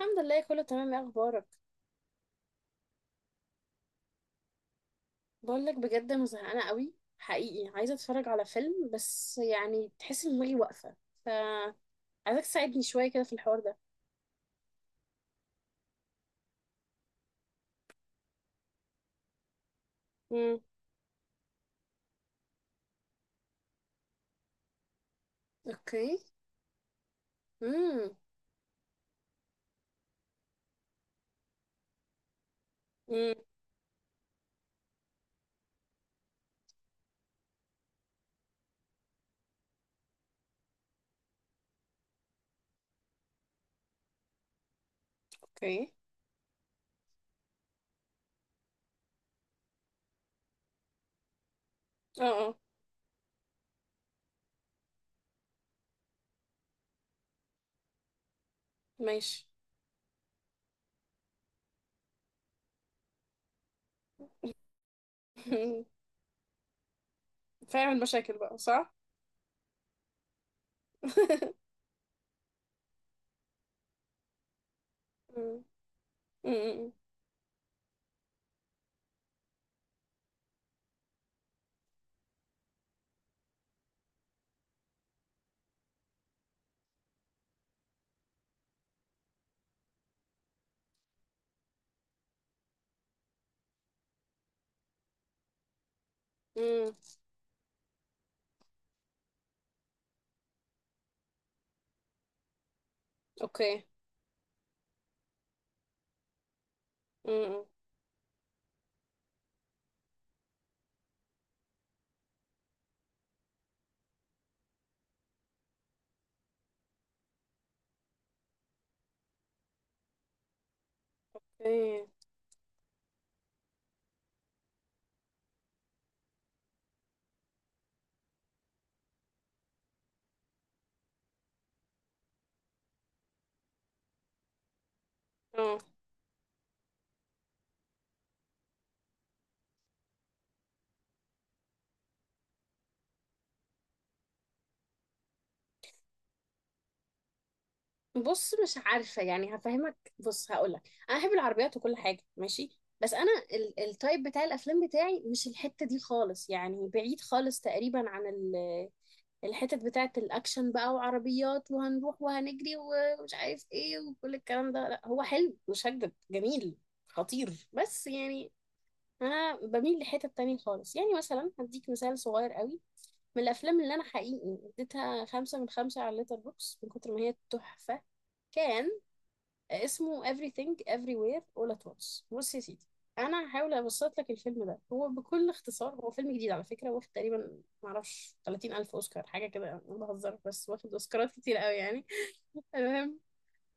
الحمد لله، كله تمام. ايه اخبارك؟ بقول لك بجد، انا زهقانه قوي، حقيقي. عايزه اتفرج على فيلم، بس يعني تحس ان دماغي واقفه. ف عايزك تساعدني شويه كده في الحوار ده. امم. اوكي. امم. امم. اوكي. اه اه. ماشي. فاهم المشاكل بقى، صح؟ امم. امم. أمم. أمم. اوكي. امم. اوكي. اه. بص، مش عارفة يعني. هفهمك. بص، هقولك: أنا أحب العربيات وكل حاجة، ماشي. بس أنا التايب بتاع الأفلام بتاعي مش الحتة دي خالص، يعني بعيد خالص تقريبا عن الحتت بتاعة الأكشن بقى، وعربيات، وهنروح وهنجري ومش عارف إيه وكل الكلام ده. لا هو حلو، مش هكدب، جميل، خطير، بس يعني أنا بميل لحتة تانية خالص. يعني مثلا هديك مثال صغير قوي: من الأفلام اللي أنا حقيقي اديتها خمسة من خمسة على ليتر بوكس من كتر ما هي تحفة، كان اسمه Everything Everywhere All at Once. بص يا سيدي، انا هحاول ابسط لك الفيلم ده. هو بكل اختصار هو فيلم جديد على فكره، واخد تقريبا معرفش 30 الف اوسكار، حاجه كده. انا بهزر، بس واخد اوسكارات كتير قوي يعني. المهم،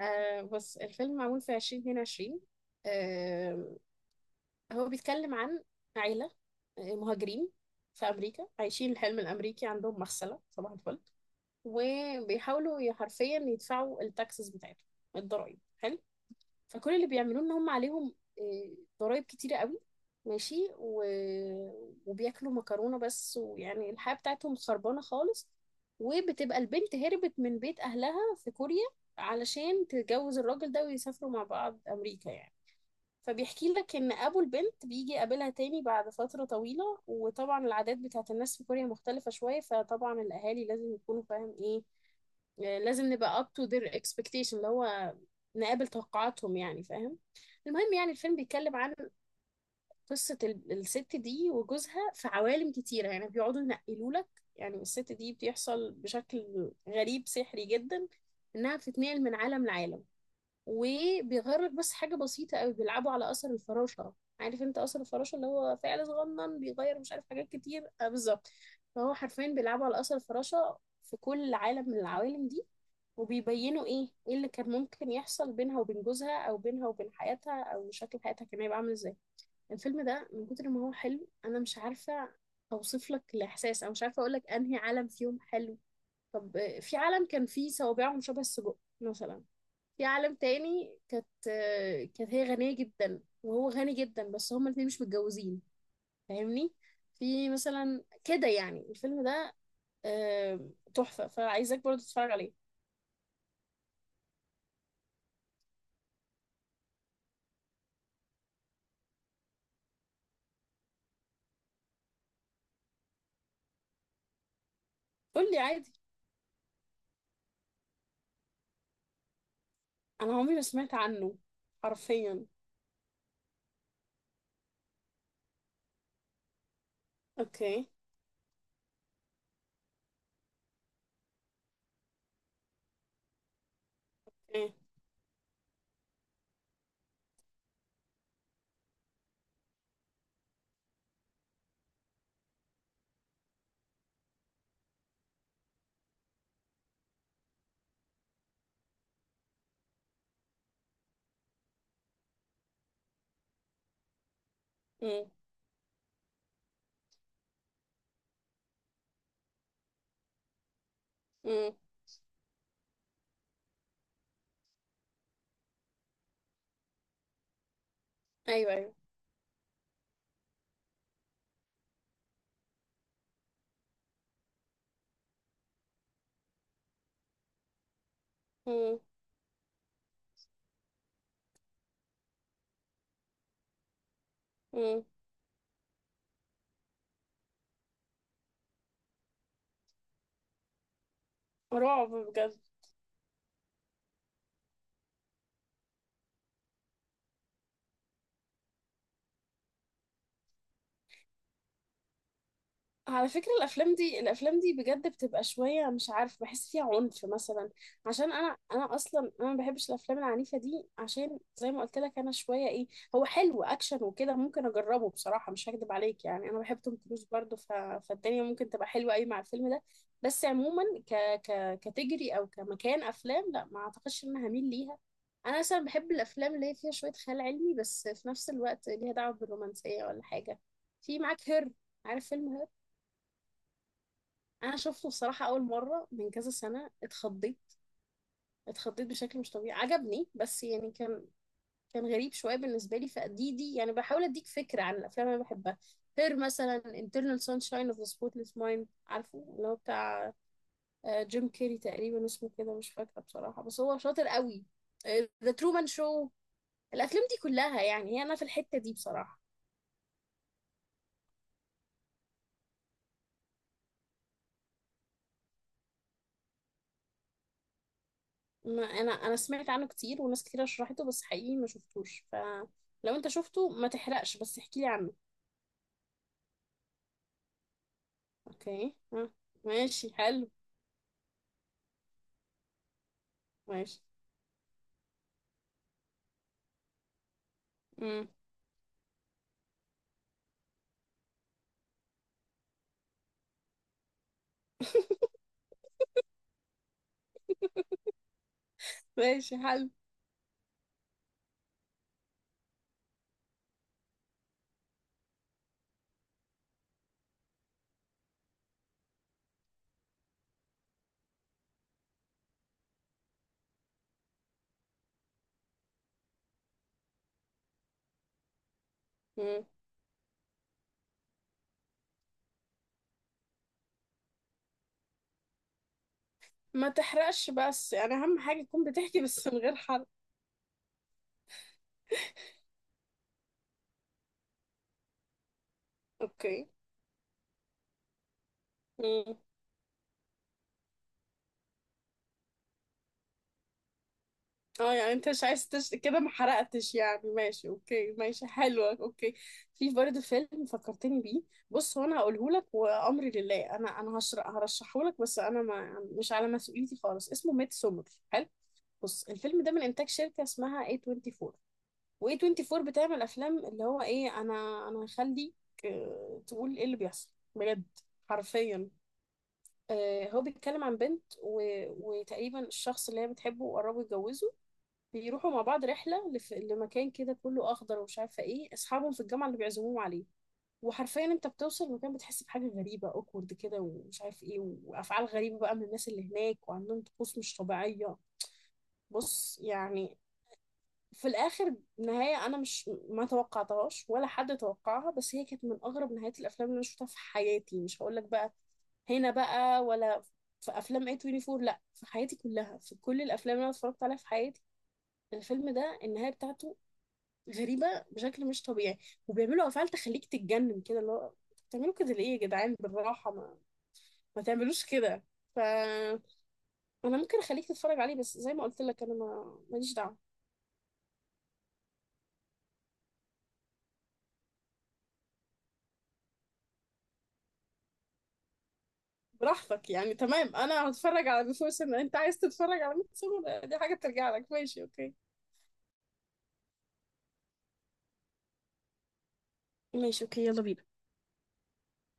بص الفيلم معمول في 2022. آه هو بيتكلم عن عيله مهاجرين في امريكا، عايشين الحلم الامريكي، عندهم مغسله صباح الفل، وبيحاولوا حرفيا يدفعوا التاكسز بتاعتهم، الضرايب، حلو. فكل اللي بيعملوه ان هم عليهم ضرائب كتيرة قوي، ماشي. وبياكلوا مكرونة بس، ويعني الحياة بتاعتهم خربانة خالص. وبتبقى البنت هربت من بيت أهلها في كوريا علشان تتجوز الراجل ده ويسافروا مع بعض أمريكا يعني. فبيحكي لك إن أبو البنت بيجي يقابلها تاني بعد فترة طويلة، وطبعا العادات بتاعت الناس في كوريا مختلفة شوية، فطبعا الأهالي لازم يكونوا فاهم إيه. لازم نبقى up to their expectation، اللي هو نقابل توقعاتهم، يعني فاهم. المهم، يعني الفيلم بيتكلم عن قصة الست دي وجوزها في عوالم كتيرة. يعني بيقعدوا ينقلوا لك، يعني الست دي، بيحصل بشكل غريب سحري جدا انها بتتنقل من عالم لعالم، وبيغير لك بس حاجة بسيطة قوي. بيلعبوا على أثر الفراشة. عارف انت أثر الفراشة، اللي هو فعل صغنن بيغير مش عارف حاجات كتير، آه بالظبط. فهو حرفيا بيلعبوا على أثر الفراشة في كل عالم من العوالم دي، وبيبينوا ايه اللي كان ممكن يحصل بينها وبين جوزها، او بينها وبين حياتها، او شكل حياتها كان هيبقى عامل ازاي. الفيلم ده من كتر ما هو حلو، انا مش عارفة اوصف لك الاحساس، او مش عارفة اقول لك انهي عالم فيهم حلو. طب في عالم كان فيه صوابعهم شبه السجق مثلا. في عالم تاني كانت هي غنية جدا وهو غني جدا، بس هما الاتنين مش متجوزين، فاهمني؟ في مثلا كده يعني. الفيلم ده آه، تحفة، فعايزاك برضه تتفرج عليه. قول لي عادي. انا عمري ما سمعت عنه حرفيا. اوكي. ايه. امم. امم. ايوه ايوه. امم. امم. رعب بجد. على فكرة، الأفلام دي الأفلام دي بجد بتبقى شوية مش عارف، بحس فيها عنف مثلا. عشان أنا أصلا أنا ما بحبش الأفلام العنيفة دي، عشان زي ما قلت لك أنا شوية إيه. هو حلو، أكشن وكده، ممكن أجربه بصراحة، مش هكدب عليك، يعني أنا بحب توم كروز برضه ف... فالدنيا ممكن تبقى حلوة أوي مع الفيلم ده. بس عموما كتجري أو كمكان أفلام، لا ما أعتقدش إن أنا هميل ليها. أنا مثلا بحب الأفلام اللي هي فيها شوية خيال علمي، بس في نفس الوقت ليها دعوة بالرومانسية ولا حاجة. في معاك هير، عارف فيلم؟ انا شفته بصراحه اول مره من كذا سنه، اتخضيت. اتخضيت بشكل مش طبيعي. عجبني بس يعني كان غريب شويه بالنسبه لي. فدي يعني بحاول اديك فكره عن الافلام اللي انا بحبها. غير مثلا Internal Sunshine of the Spotless Mind، عارفه اللي هو بتاع جيم كيري، تقريبا اسمه كده مش فاكره بصراحه، بس هو شاطر قوي. The Truman Show. الافلام دي كلها، يعني هي انا في الحته دي بصراحه. ما انا سمعت عنه كتير وناس كتير شرحته، بس حقيقي ما شفتوش. فلو انت شفته ما تحرقش، بس احكي لي عنه. اوكي. ها. ماشي حلو. ماشي. مم. ماشي حلو. مم. ما تحرقش، بس يعني اهم حاجة تكون بتحكي بس من غير حرق. اوكي. مم. اه يعني انت مش عايز كده ما حرقتش يعني، ماشي اوكي، ماشي حلوة، اوكي. في برضه فيلم فكرتني بيه. بص هو انا هقوله لك وامري لله. انا هرشحه لك، بس انا ما مش على مسؤوليتي خالص. اسمه ميد سومر، حلو. بص الفيلم ده من انتاج شركة اسمها A24. واي 24 بتعمل افلام، اللي هو ايه. انا هخليك تقول ايه اللي بيحصل بجد، حرفيا. هو بيتكلم عن بنت وتقريبا الشخص اللي هي بتحبه، وقربوا يتجوزوا. بيروحوا مع بعض رحله لمكان كده كله اخضر، ومش عارفه ايه، اصحابهم في الجامعه اللي بيعزموهم عليه. وحرفيا انت بتوصل المكان، بتحس بحاجه غريبه، اوكورد كده، ومش عارف ايه، وافعال غريبه بقى من الناس اللي هناك، وعندهم طقوس مش طبيعيه. بص يعني في الاخر، نهايه انا مش ما توقعتهاش ولا حد توقعها، بس هي كانت من اغرب نهايات الافلام اللي انا شفتها في حياتي. مش هقول لك بقى. هنا بقى، ولا في افلام اي 24، لا في حياتي كلها، في كل الافلام اللي انا اتفرجت عليها في حياتي، الفيلم ده النهايه بتاعته غريبه بشكل مش طبيعي. وبيعملوا افعال تخليك تتجنن كده، اللي هو بتعملوا كده ليه يا جدعان؟ بالراحه ما تعملوش كده. فانا ممكن اخليك تتفرج عليه، بس زي ما قلت لك انا ما ماليش دعوه. براحتك يعني، تمام. انا هتفرج على بيفور سن، انت عايز تتفرج على ميت سمر دي حاجة ترجع لك. ماشي اوكي، ماشي اوكي، يلا بينا.